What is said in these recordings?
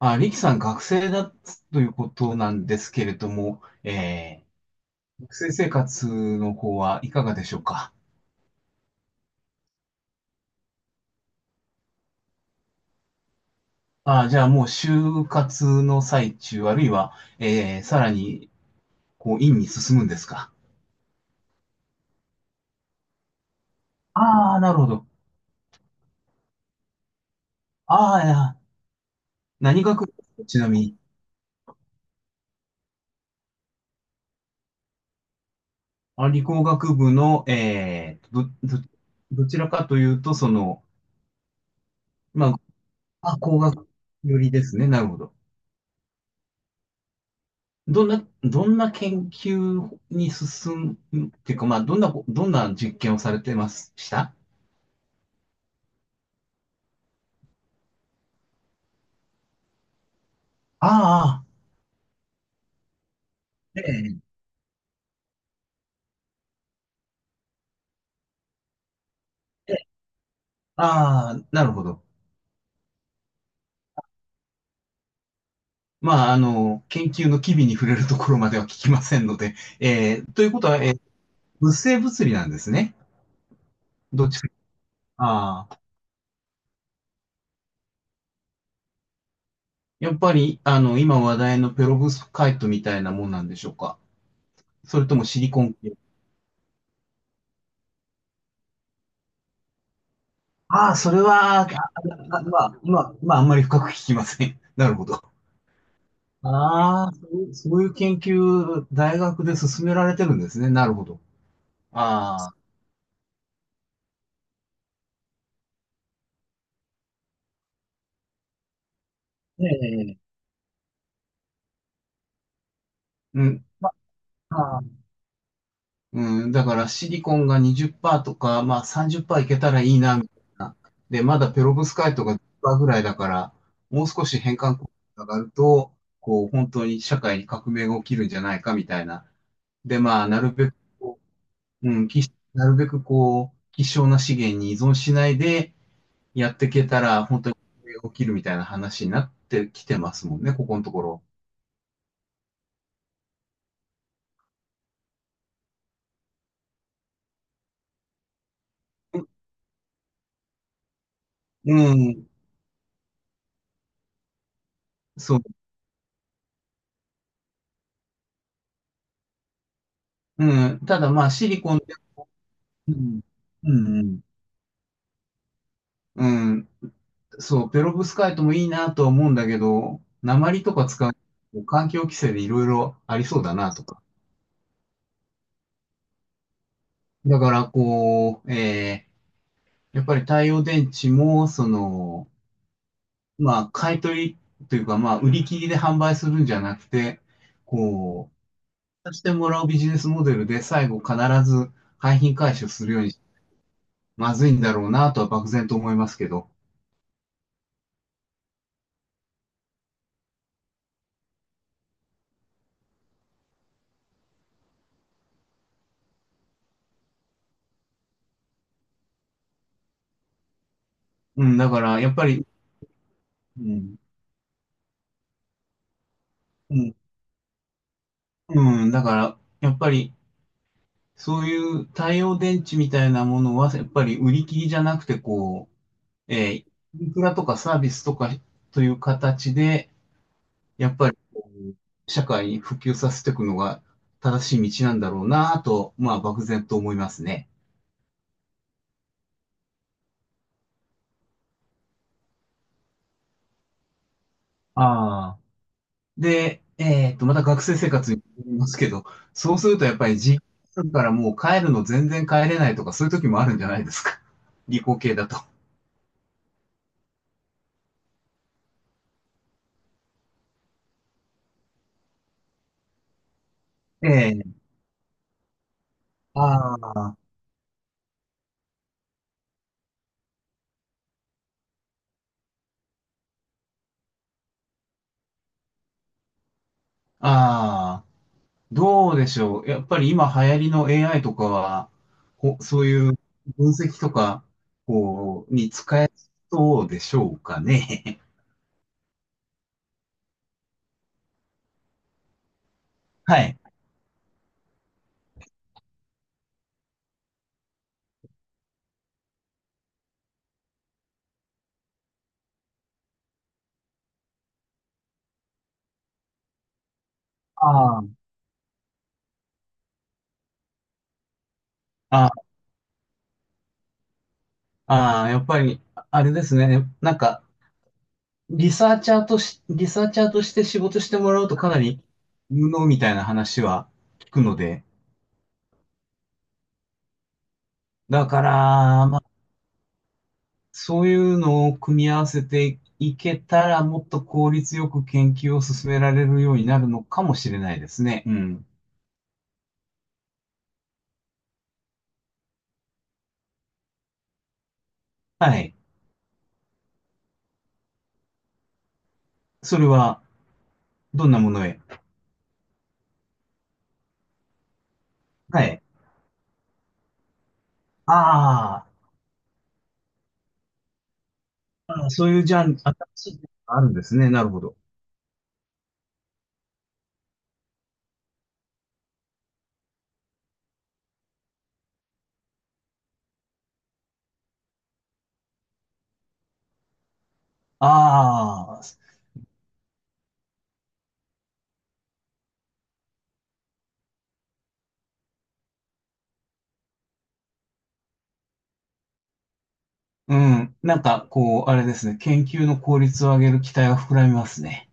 あ、リキさん学生だということなんですけれども、学生生活の方はいかがでしょうか？あ、じゃあもう就活の最中、あるいは、さらに、こう、院に進むんですか？ああー、なるほど。ああ、いや、何学部ですか、ちなみに？あ、理工学部の、どちらかというと、その、まあ、工学よりですね。なるほど。どんな研究に進むっていうか、まあ、どんな実験をされてました？ああ、ええ、ええ。ああ、なるほど。まあ、研究の機微に触れるところまでは聞きませんので、ということは、物性物理なんですね。どっちか。ああ、やっぱり、今話題のペロブスカイトみたいなもんなんでしょうか。それともシリコン系。ああ、それは、ああ、まあ、まあ、まあ、あんまり深く聞きません。なるほど。ああ、そういう研究、大学で進められてるんですね。なるほど。ああ、ええ、うん、ああ、うん、だからシリコンが20%とか、まあ30%いけたらいいな、みたいな。で、まだペロブスカイトが10%ぐらいだから、もう少し変換効果が上がると、こう、本当に社会に革命が起きるんじゃないか、みたいな。で、まあ、う、うん、き、なるべくこう、希少な資源に依存しないで、やっていけたら、本当に起きるみたいな話になってきてますもんね、ここのところ。うん、そう。うん。ただまあ、シリコンで、うん、うん、うん、うんそう、ペロブスカイトもいいなとは思うんだけど、鉛とか使う、環境規制でいろいろありそうだなとか。だから、こう、やっぱり太陽電池も、その、まあ、買い取りというか、まあ、売り切りで販売するんじゃなくて、こしてもらうビジネスモデルで最後必ず廃品回収するようにまずいんだろうなとは漠然と思いますけど。うん、だからやっぱり、うん、うん、うん、だからやっぱりそういう太陽電池みたいなものはやっぱり売り切りじゃなくてこう、インフラとかサービスとかという形でやっぱりこう社会に普及させていくのが正しい道なんだろうなと、まあ漠然と思いますね。ああ。で、また学生生活に戻りますけど、そうするとやっぱり実家からもう帰るの全然帰れないとか、そういう時もあるんじゃないですか。理工系だと。ええ。ああ、ああ、どうでしょう。やっぱり今流行りの AI とかは、そういう分析とか、こう、に使えそうでしょうかね。はい。ああ、ああ、ああやっぱり、あれですね。なんか、リサーチャーとして仕事してもらうとかなり無能みたいな話は聞くので、だから、まあ、そういうのを組み合わせていけたら、もっと効率よく研究を進められるようになるのかもしれないですね。うん。はい。それは、どんなものへ？はい。あーあー、そういうジャンル、新しいジャンルがあるんですね。なるほど。ああ、うん。なんか、こう、あれですね。研究の効率を上げる期待が膨らみますね。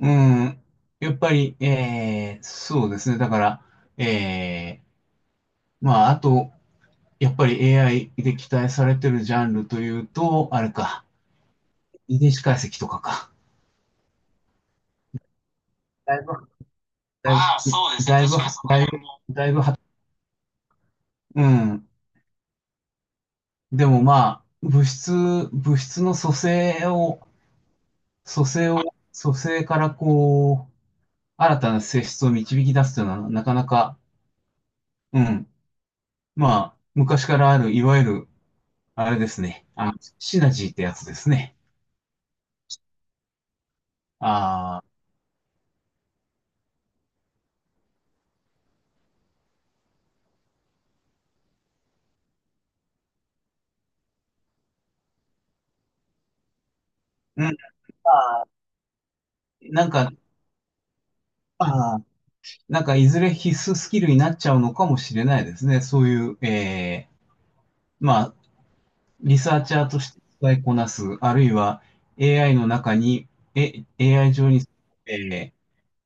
うん、やっぱり、そうですね。だから、えー、まあ、あと、やっぱり AI で期待されてるジャンルというと、あれか、遺伝子解析とかか。だいぶ、だいぶ、ああ、そうですね。だいぶ、確かにだいぶ、だいぶは、うん。でもまあ、物質の組成を、組成からこう、新たな性質を導き出すというのは、なかなか、うん。まあ、昔からある、いわゆるあれですね。シナジーってやつですね。ああ、うん。ああ、なんか、ああ、なんかいずれ必須スキルになっちゃうのかもしれないですね。そういう、ーまあ、リサーチャーとして使いこなす、あるいは AI の中に、AI 上に、えー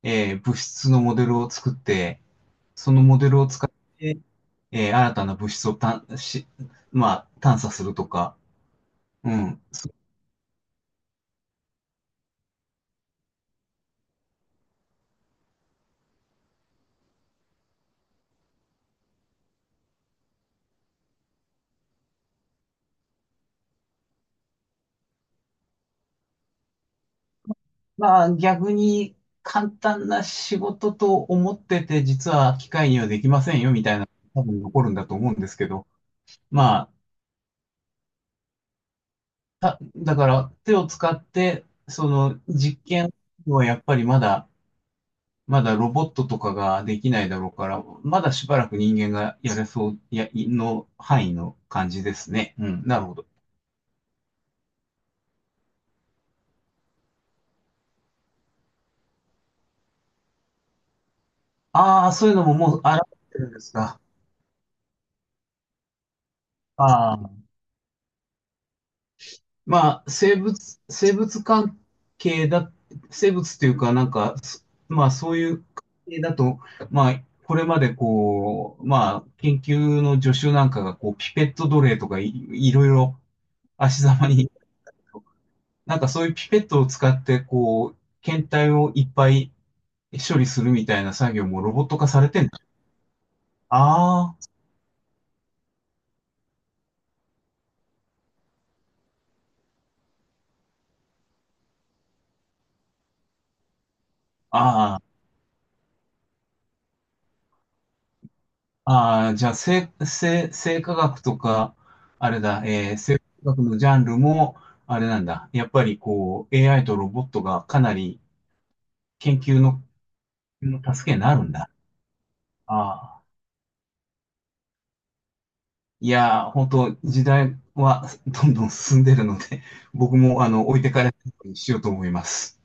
物質のモデルを作って、そのモデルを使って、新たな物質を探し、まあ、探査するとか、うん。まあ逆に簡単な仕事と思ってて、実は機械にはできませんよみたいな、多分残るんだと思うんですけど、まあ、ただから手を使って、その実験はやっぱりまだ、まだロボットとかができないだろうから、まだしばらく人間がやれそう、の範囲の感じですね。うん、なるほど。ああ、そういうのももう現れてるんですか。ああ。まあ、生物、生物関係だ、生物っていうか、なんか、まあ、そういう関係だと、まあ、これまでこう、まあ、研究の助手なんかが、こう、ピペット奴隷とか、い、いろいろ足ざまに、なんかそういうピペットを使って、こう、検体をいっぱい処理するみたいな作業もロボット化されてんだ。ああ、ああ。ああ、じゃあ、生化学とか、あれだ、生化学のジャンルも、あれなんだ。やっぱりこう、AI とロボットがかなり研究の助けになるんだ。ああ。いやー、本当時代はどんどん進んでるので、僕も、置いてかれないようにしようと思います。